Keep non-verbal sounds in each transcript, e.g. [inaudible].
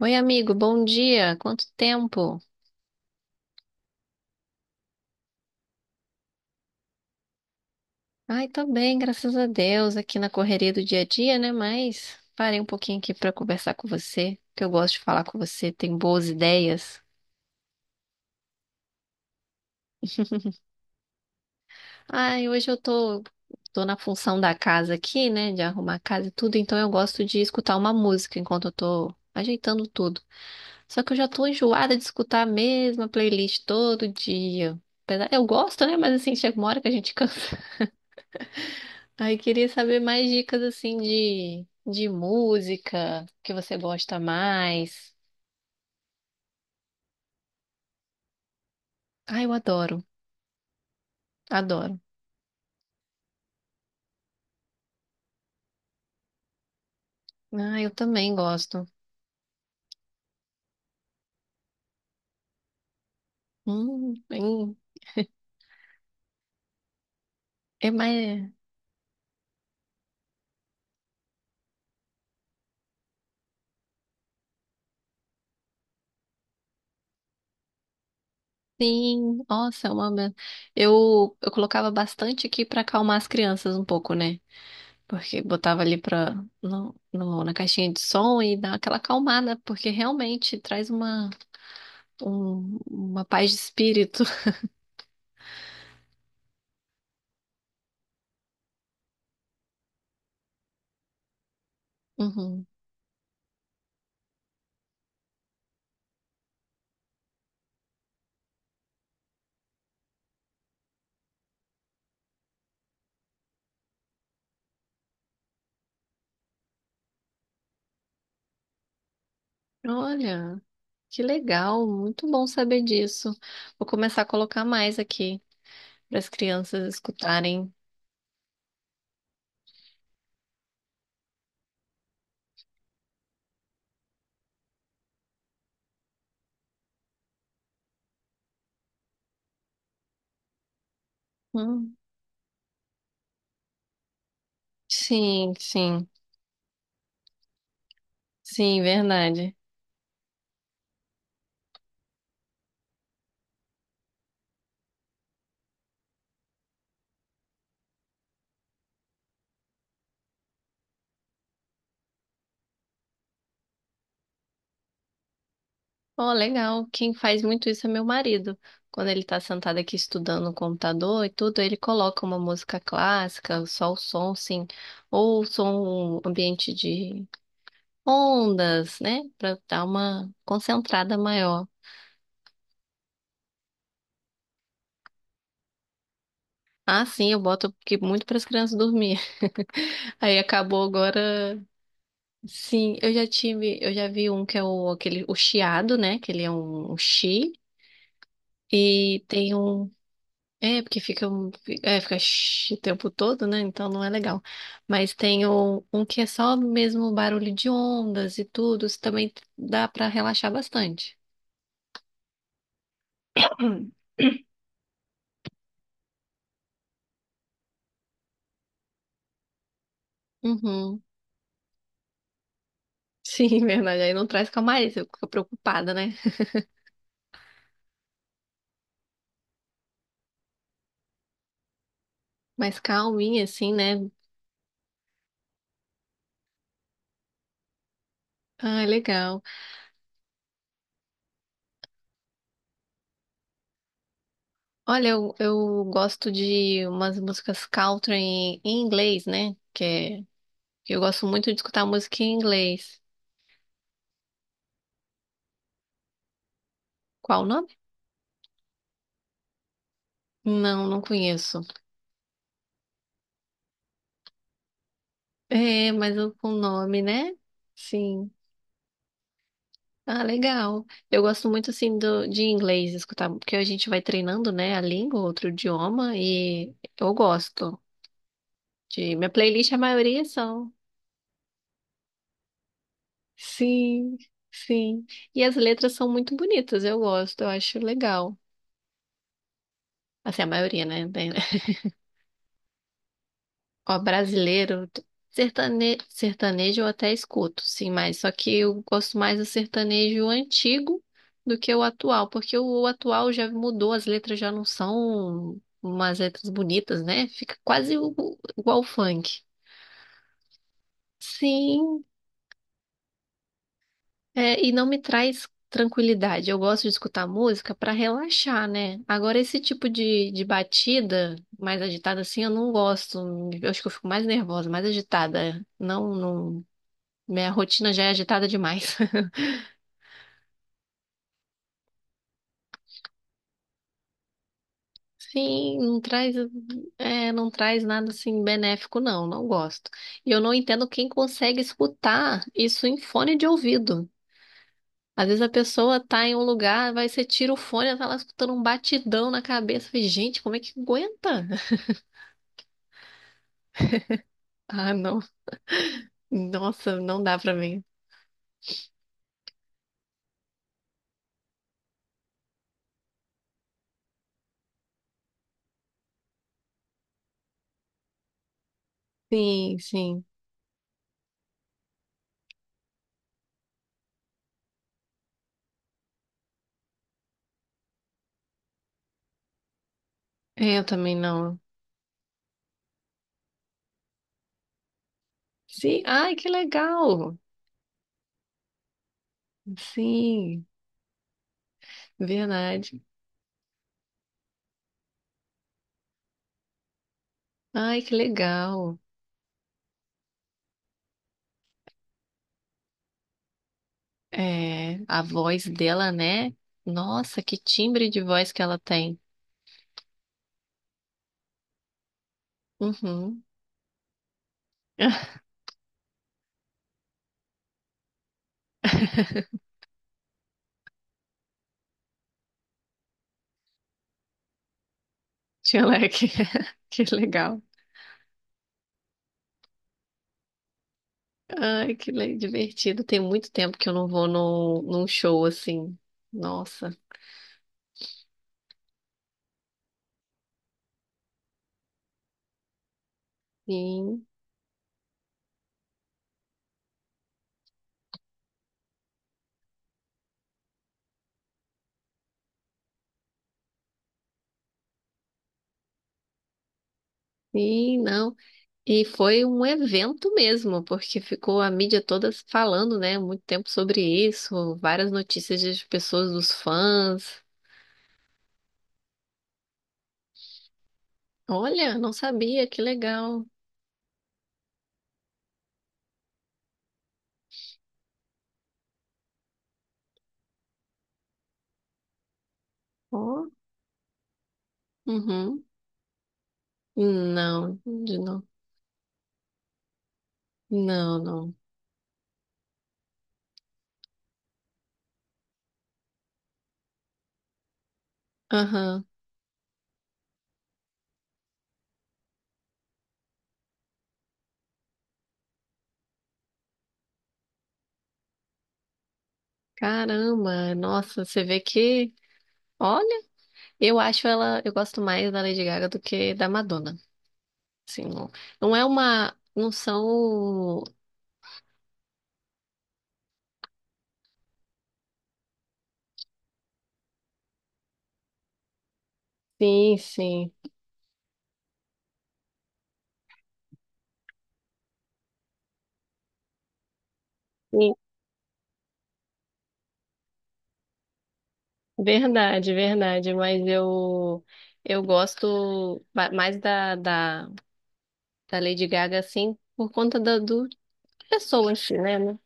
Oi, amigo, bom dia. Quanto tempo? Ai, tô bem, graças a Deus, aqui na correria do dia a dia, né? Mas parei um pouquinho aqui pra conversar com você, que eu gosto de falar com você, tem boas ideias. Ai, hoje eu tô na função da casa aqui, né? De arrumar a casa e tudo, então eu gosto de escutar uma música enquanto eu tô ajeitando tudo. Só que eu já tô enjoada de escutar a mesma playlist todo dia. Eu gosto, né? Mas assim, chega uma hora que a gente [laughs] cansa. Aí queria saber mais dicas assim de música que você gosta mais. Ah, eu adoro, adoro. Ah, eu também gosto. Hum. É mais. Sim, nossa, eu colocava bastante aqui pra acalmar as crianças um pouco, né? Porque botava ali pra, na caixinha de som e dá aquela acalmada, porque realmente traz uma paz de espírito. [laughs] Uhum. Olha. Que legal, muito bom saber disso. Vou começar a colocar mais aqui para as crianças escutarem. Hum, sim, sim, sim, verdade. Oh, legal. Quem faz muito isso é meu marido. Quando ele está sentado aqui estudando no computador e tudo, ele coloca uma música clássica, só o som, sim, ou som ambiente de ondas, né, para dar uma concentrada maior. Ah, sim, eu boto porque muito para as crianças dormir. [laughs] Aí acabou agora. Sim, eu já vi um que é o aquele o chiado, né? Que ele é um chi, e tem um, é porque fica um, é, fica chi o tempo todo, né? Então não é legal. Mas tem um que é só mesmo barulho de ondas e tudo, isso também dá pra relaxar bastante. [clears throat] Uhum. Sim, [laughs] verdade. Aí não traz calmaria, você fica preocupada, né? Mas calminha assim, né? Ah, é legal. Olha, eu gosto de umas músicas country em inglês, né? Que é, eu gosto muito de escutar música em inglês. Qual o nome? Não, não conheço. É, mas o nome, né? Sim. Ah, legal. Eu gosto muito, assim, de inglês escutar, porque a gente vai treinando, né, a língua, outro idioma, e eu gosto de... Minha playlist, a maioria são. Sim, sim. E as letras são muito bonitas, eu gosto, eu acho legal. Assim, a maioria, né? Ó, brasileiro, sertanejo eu até escuto, sim, mas só que eu gosto mais do sertanejo antigo do que o atual, porque o atual já mudou, as letras já não são umas letras bonitas, né? Fica quase igual o funk. Sim, é, e não me traz tranquilidade. Eu gosto de escutar música para relaxar, né? Agora, esse tipo de batida mais agitada assim, eu não gosto. Eu acho que eu fico mais nervosa, mais agitada. Não, não. Minha rotina já é agitada demais. [laughs] Sim, não traz nada assim benéfico, não, não gosto. E eu não entendo quem consegue escutar isso em fone de ouvido. Às vezes a pessoa tá em um lugar, vai, você tira o fone, ela tá lá escutando um batidão na cabeça. Eu falei, gente, como é que aguenta? [laughs] Ah, não. Nossa, não dá pra mim. Sim, sim. É, eu também não. Sim, ai, que legal. Sim, verdade. Ai, que legal. É, a voz dela, né? Nossa, que timbre de voz que ela tem. Uhum. [laughs] Tia Leque. [laughs] Que legal. Ai, que le- divertido. Tem muito tempo que eu não vou no num show assim. Nossa, sim, sim, não. E foi um evento mesmo, porque ficou a mídia toda falando, né, muito tempo sobre isso, várias notícias das pessoas, dos fãs. Olha, não sabia, que legal. Ó, uhum. Não, de novo. Não, não. Aham. Caramba, nossa, você vê que. Olha, eu acho ela. Eu gosto mais da Lady Gaga do que da Madonna. Assim, não, não é uma. Não são. Sim, sim. Sim. Verdade, verdade. Mas eu. Eu gosto ba- mais da Lady Gaga, assim, por conta do pessoa em si, né?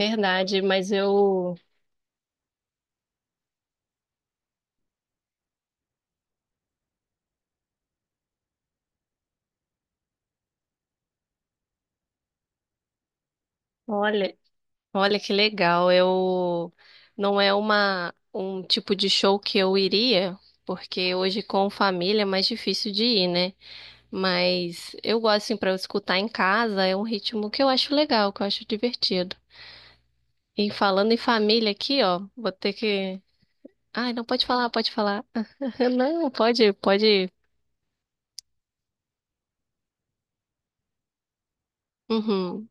Verdade, mas eu. Olha. Olha que legal. Eu não é uma um tipo de show que eu iria, porque hoje com família é mais difícil de ir, né? Mas eu gosto assim para eu escutar em casa, é um ritmo que eu acho legal, que eu acho divertido. E falando em família aqui, ó, vou ter que... Ai, não pode falar, pode falar. [laughs] Não, pode, pode. Uhum.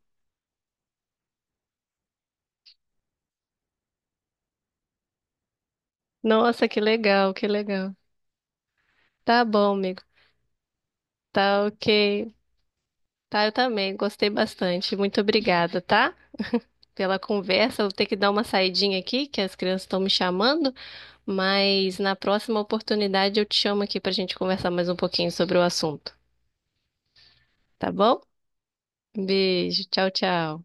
Nossa, que legal, que legal. Tá bom, amigo. Tá ok. Tá, eu também. Gostei bastante. Muito obrigada, tá? Pela conversa. Eu vou ter que dar uma saidinha aqui, que as crianças estão me chamando, mas na próxima oportunidade eu te chamo aqui para a gente conversar mais um pouquinho sobre o assunto, tá bom? Um beijo, tchau, tchau.